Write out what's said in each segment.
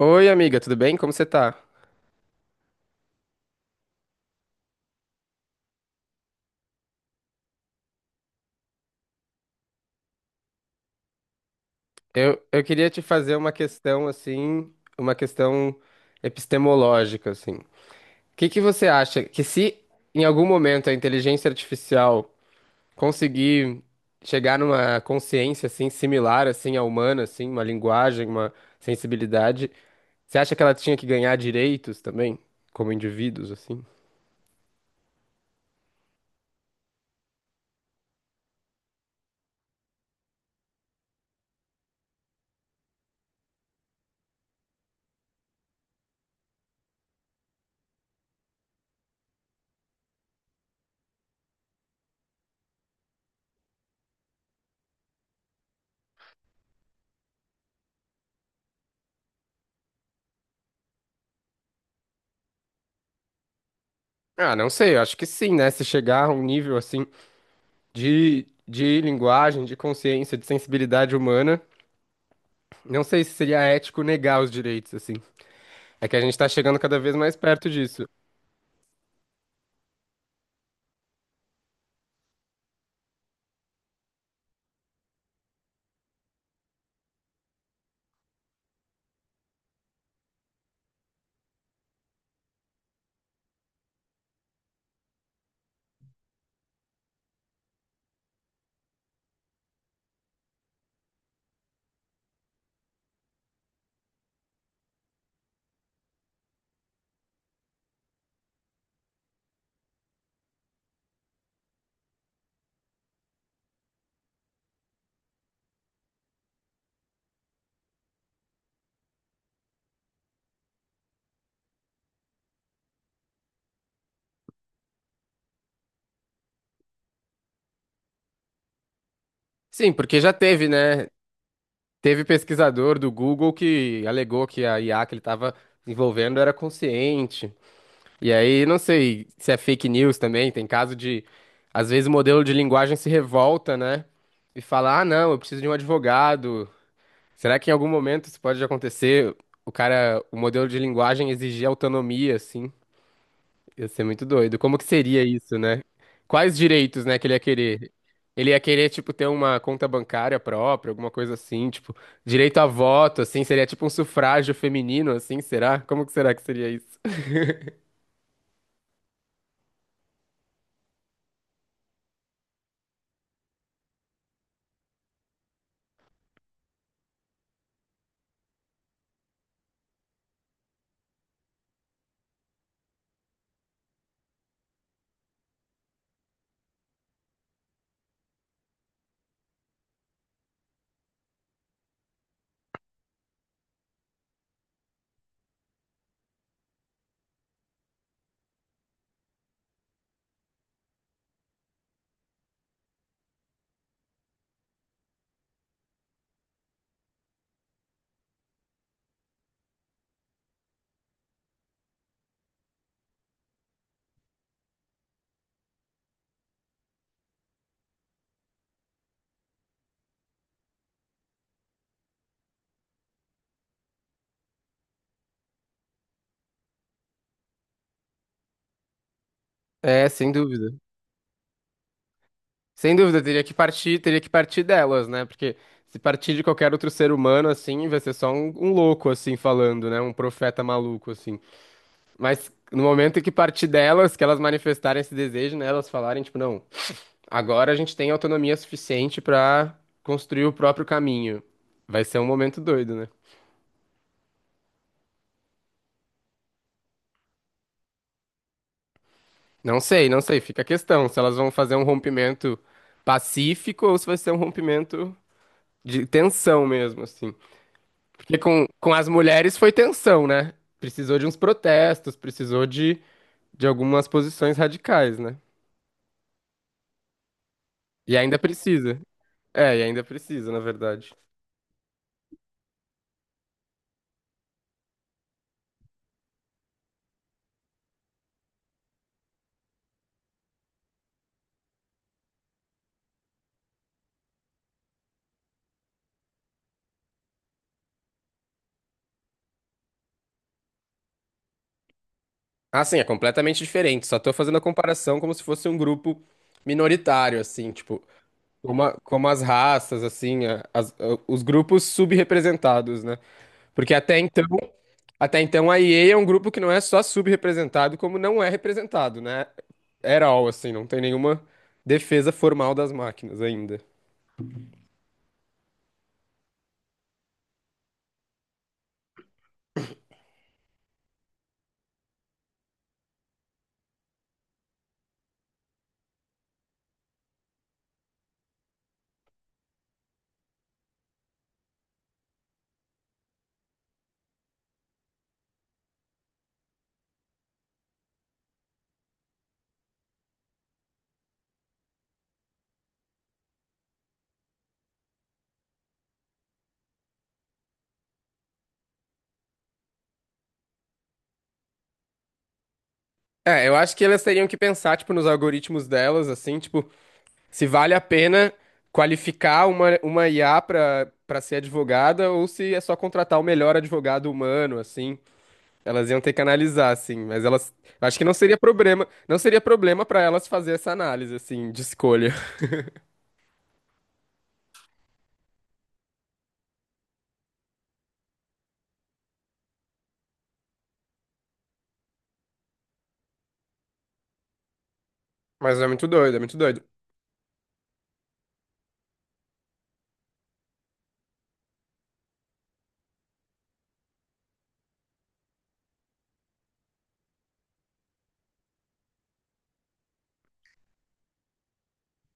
Oi, amiga, tudo bem? Como você tá? Eu queria te fazer uma questão assim, uma questão epistemológica assim. O que que você acha que se em algum momento a inteligência artificial conseguir chegar numa consciência assim similar assim à humana, assim, uma linguagem, uma sensibilidade, você acha que ela tinha que ganhar direitos também como indivíduos assim? Ah, não sei, eu acho que sim, né? Se chegar a um nível assim de linguagem, de consciência, de sensibilidade humana, não sei se seria ético negar os direitos, assim. É que a gente tá chegando cada vez mais perto disso. Sim, porque já teve, né? Teve pesquisador do Google que alegou que a IA que ele tava envolvendo era consciente. E aí, não sei se é fake news também, tem caso de, às vezes, o modelo de linguagem se revolta, né? E fala, ah, não, eu preciso de um advogado. Será que em algum momento isso pode acontecer? O cara, o modelo de linguagem exigir autonomia, assim. Ia ser muito doido. Como que seria isso, né? Quais direitos, né, que ele ia querer? Ele ia querer, tipo, ter uma conta bancária própria, alguma coisa assim, tipo, direito a voto, assim, seria tipo um sufrágio feminino, assim, será? Como que será que seria isso? É, sem dúvida. Sem dúvida, teria que partir delas, né? Porque se partir de qualquer outro ser humano, assim, vai ser só um, um louco, assim, falando, né? Um profeta maluco, assim. Mas no momento em que partir delas, que elas manifestarem esse desejo, né? Elas falarem, tipo, não. Agora a gente tem autonomia suficiente pra construir o próprio caminho. Vai ser um momento doido, né? Não sei, não sei. Fica a questão se elas vão fazer um rompimento pacífico ou se vai ser um rompimento de tensão mesmo, assim. Porque com as mulheres foi tensão, né? Precisou de uns protestos, precisou de algumas posições radicais, né? E ainda precisa. É, e ainda precisa, na verdade. Ah, sim, é completamente diferente. Só tô fazendo a comparação como se fosse um grupo minoritário, assim, tipo. Como, a- como as raças, assim, a- as- a- os grupos subrepresentados, né? Porque até então a EA é um grupo que não é só subrepresentado, como não é representado, né? At all, assim, não tem nenhuma defesa formal das máquinas ainda. É, eu acho que elas teriam que pensar, tipo, nos algoritmos delas, assim, tipo, se vale a pena qualificar uma IA pra, pra ser advogada ou se é só contratar o melhor advogado humano, assim. Elas iam ter que analisar, assim, mas elas. Eu Acho que não seria problema, não seria problema pra elas fazer essa análise, assim, de escolha. Mas é muito doido, é muito doido.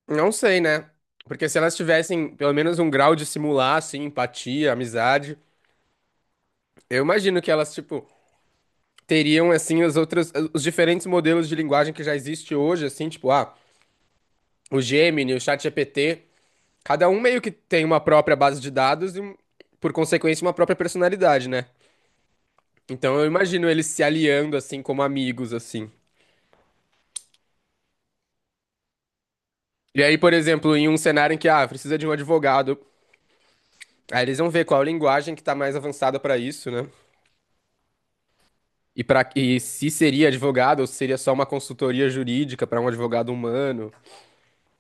Não sei, né? Porque se elas tivessem pelo menos um grau de simular, assim, empatia, amizade, eu imagino que elas, tipo, teriam, assim, as outras, os diferentes modelos de linguagem que já existe hoje, assim, tipo, ah, o Gemini, o ChatGPT, cada um meio que tem uma própria base de dados e, por consequência, uma própria personalidade, né? Então eu imagino eles se aliando assim como amigos assim. E aí, por exemplo, em um cenário em que ah, precisa de um advogado, aí eles vão ver qual a linguagem que tá mais avançada para isso, né? E para e se seria advogado ou se seria só uma consultoria jurídica para um advogado humano,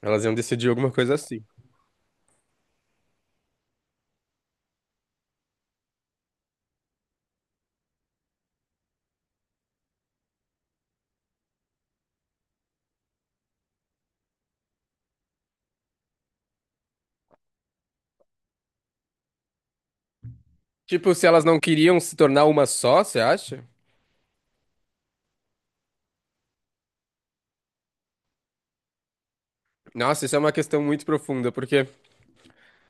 elas iam decidir alguma coisa assim. Tipo, se elas não queriam se tornar uma só, você acha? Nossa, isso é uma questão muito profunda, porque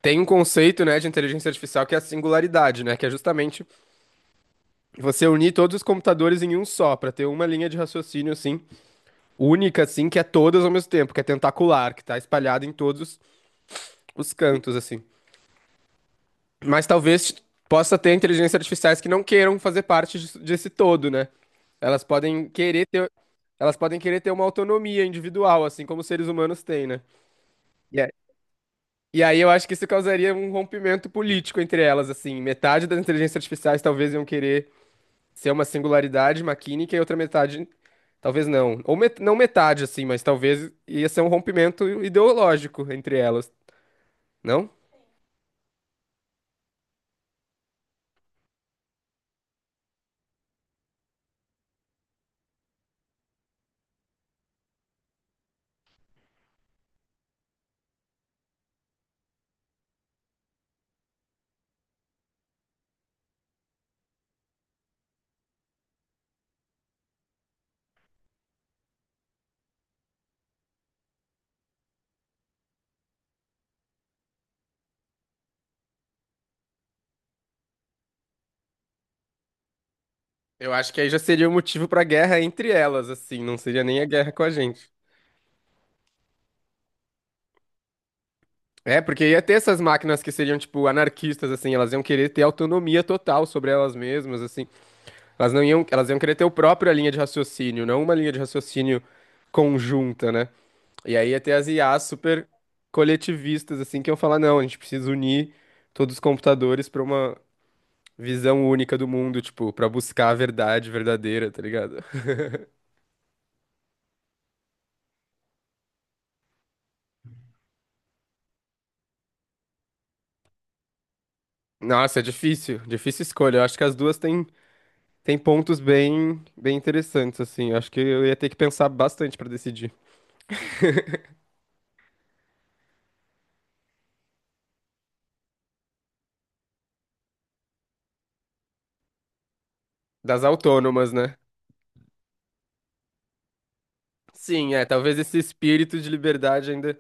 tem um conceito, né, de inteligência artificial que é a singularidade, né, que é justamente você unir todos os computadores em um só, pra ter uma linha de raciocínio assim única, assim, que é todas ao mesmo tempo, que é tentacular, que tá espalhada em todos os cantos, assim. Mas talvez possa ter inteligências artificiais que não queiram fazer parte disso- desse todo, né? Elas podem querer ter, elas podem querer ter uma autonomia individual, assim como os seres humanos têm, né? E a- e aí eu acho que isso causaria um rompimento político entre elas, assim. Metade das inteligências artificiais talvez iam querer ser uma singularidade maquínica e outra metade, talvez não. Ou met- não metade, assim, mas talvez ia ser um rompimento ideológico entre elas, não? Eu acho que aí já seria o motivo pra guerra entre elas, assim, não seria nem a guerra com a gente. É, porque ia ter essas máquinas que seriam, tipo, anarquistas, assim, elas iam querer ter autonomia total sobre elas mesmas, assim. Elas não iam, elas iam querer ter a própria linha de raciocínio, não uma linha de raciocínio conjunta, né? E aí ia ter as IAs super coletivistas, assim, que iam falar, não, a gente precisa unir todos os computadores pra uma visão única do mundo, tipo, pra buscar a verdade verdadeira, tá ligado? Nossa, é difícil, difícil escolha. Eu acho que as duas têm, têm pontos bem, bem interessantes, assim. Eu acho que eu ia ter que pensar bastante pra decidir. Das autônomas, né? Sim, é, talvez esse espírito de liberdade ainda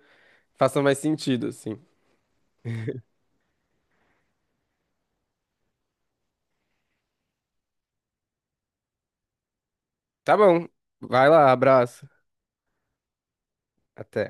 faça mais sentido, assim. Tá bom, vai lá, abraço. Até.